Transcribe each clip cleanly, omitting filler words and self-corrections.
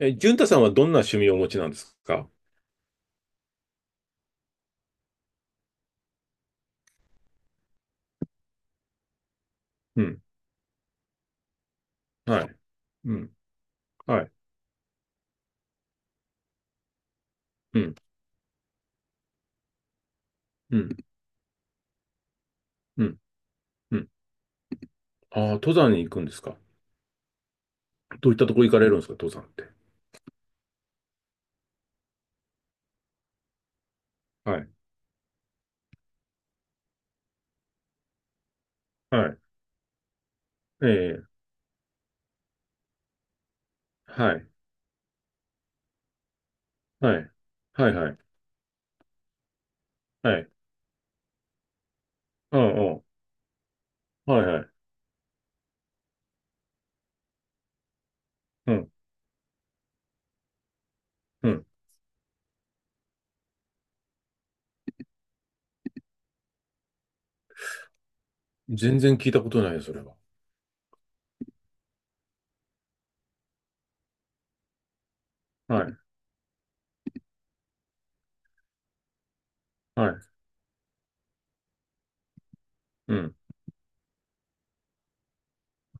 淳太さんはどんな趣味をお持ちなんですか？うん。はい。うん。はい。うん。うん。うん。うん。ああ、登山に行くんですか？どういったとこ行かれるんですか、登山って。はい。はい。ええ。はい。はい。はい。はい。はい。うんうん。はいはい。うん。うん。全然聞いたことないよ、それは。はい。はい。うん。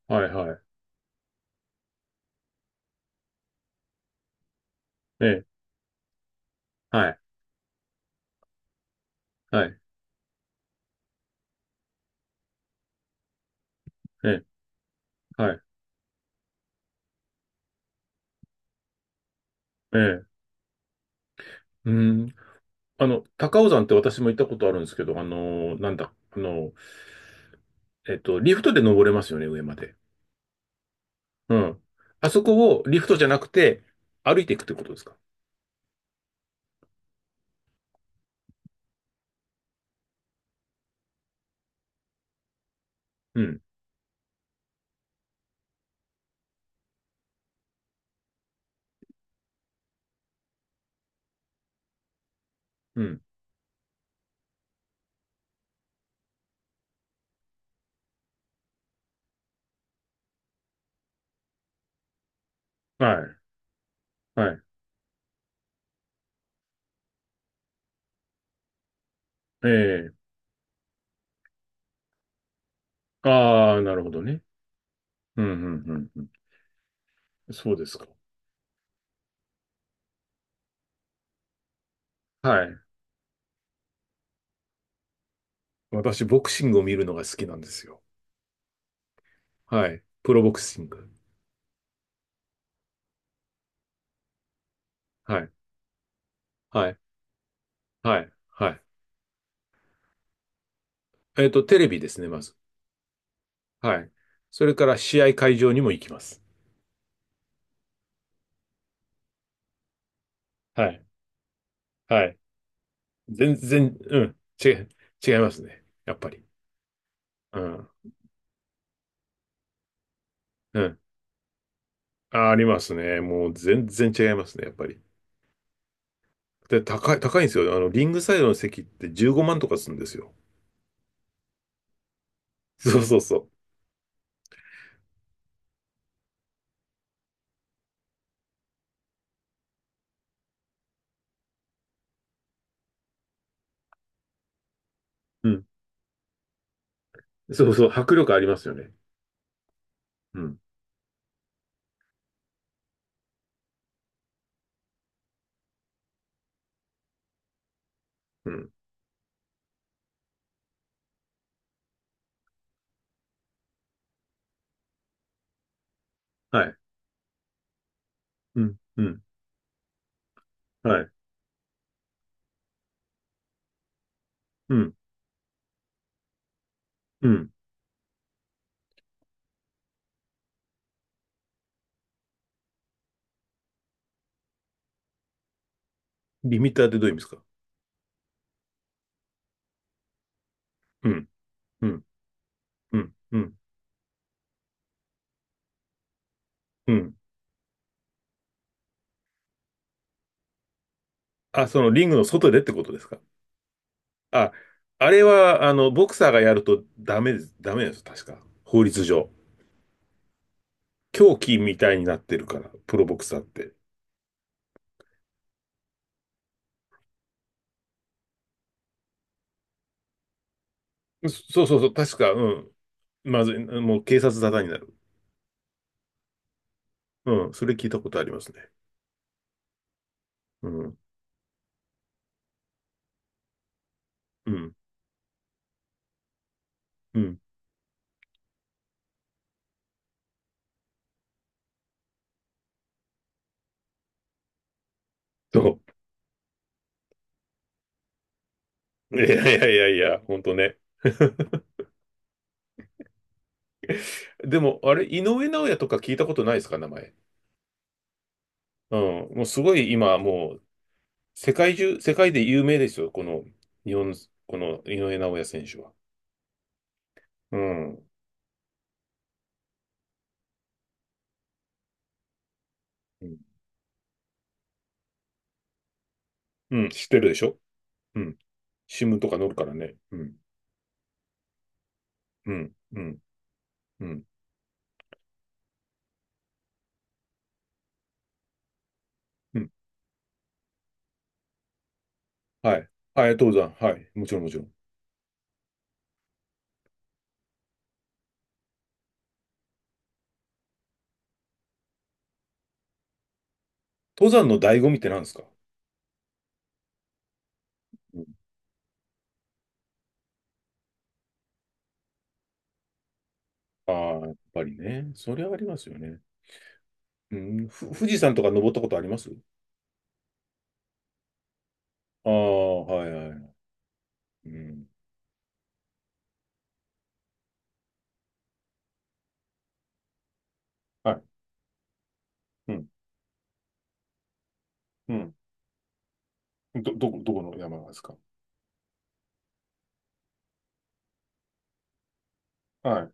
はいはい。ええ。はい。はい。ええ。はい。ええ。うん。高尾山って私も行ったことあるんですけど、あのーなんだ、あのーえっと、リフトで登れますよね、上まで。うん。あそこをリフトじゃなくて、歩いていくってことですか？うん、うん。はい、はい。ええ。ああ、なるほどね。うん、うん、うん。うん。そうですか。はい。私、ボクシングを見るのが好きなんですよ。はい。プロボクシング。はい、はい、はい、はい。テレビですね、まず。はい。それから試合会場にも行きます。はい、はい。全然、うん、違い、違いますね。やっぱり。うん、うん。あ、ありますね。もう全然違いますね、やっぱり。で、高いんですよ。リングサイドの席って15万とかするんですよ。そうそうそう。うん。そうそう、迫力ありますよね。うん。うん。はい。うん。うん。はい。うん。うん。リミッターってどういう意味ですか？うん。うん。うん。うん。うん。あ、そのリングの外でってことですか？あ、あれは、ボクサーがやるとダメです。ダメです。確か。法律上。狂気みたいになってるから、プロボクサーって。そうそうそう。確か、うん。まずい、もう警察沙汰になる。うん。それ聞いたことありますね。うん、うん、うん。そう。いやいやいやいや、ほんとね。でも、あれ、井上尚弥とか聞いたことないですか、名前？うん。もうすごい今、もう、世界中、世界で有名ですよ、この、日本、この井上尚弥選手は。うん。うん、うん、知ってるでしょ？うん。新聞とか載るからね。うん。うん。うん。うん。うん。はい。はい、登山。はい。もちろん、もちろん。登山の醍醐味って何ですか？うん。ああ、やっぱりね。それはありますよね。うん。富士山とか登ったことあります？ああ、はいはい。うん。はい。うん。うん。どこの山ですか？はい。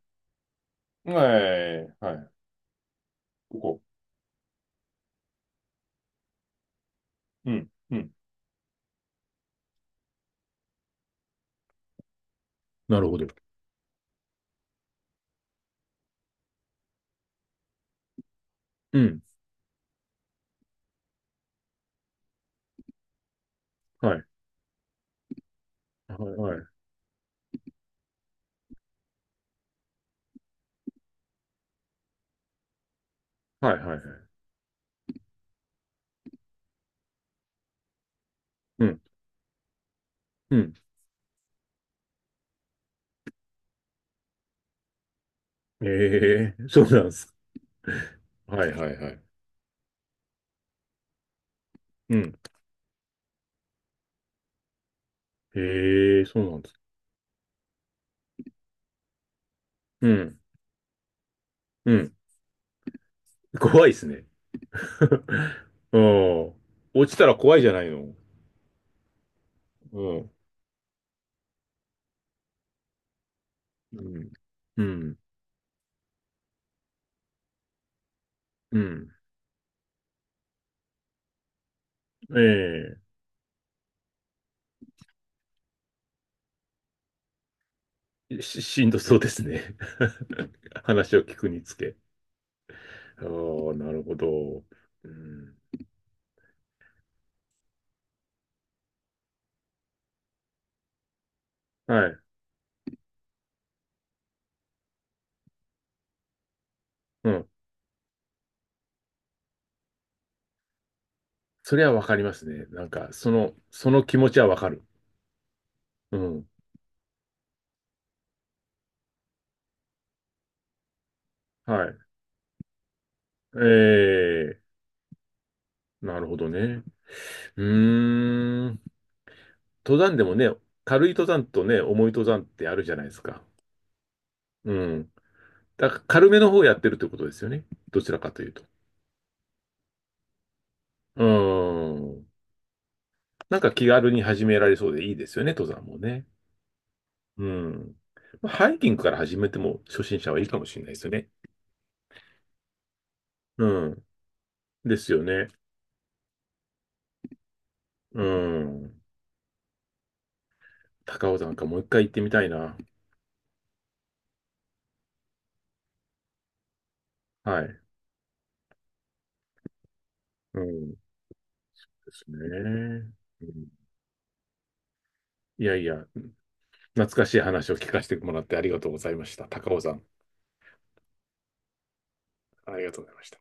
はい。はい。ここ。うん。うん。なるほど。うん。はい。はい。はい。はい。はい。うん。うん。ええ。 そうなんです。はいはいはい。うん。ええ。そうなんです。うん。うん。怖いですね。うん。落ちたら怖いじゃないの。うん。うん。うん。うん。ええ。しんどそうですね。話を聞くにつけ。ああ、なるほど。うん。はい。うん。それはわかりますね。なんか、その気持ちはわかる。うん。はい。ええ、なるほどね。うーん。登山でもね、軽い登山とね、重い登山ってあるじゃないですか。うん。だから軽めの方やってるってことですよね。どちらかというと。うーん。なんか気軽に始められそうでいいですよね、登山もね。うん。まあハイキングから始めても初心者はいいかもしれないですよね。うん。ですよね。うん。高尾山かもう一回行ってみたいな。はい。うん。ですね。うん。いやいや、懐かしい話を聞かせてもらってありがとうございました。高尾山、ありがとうございました。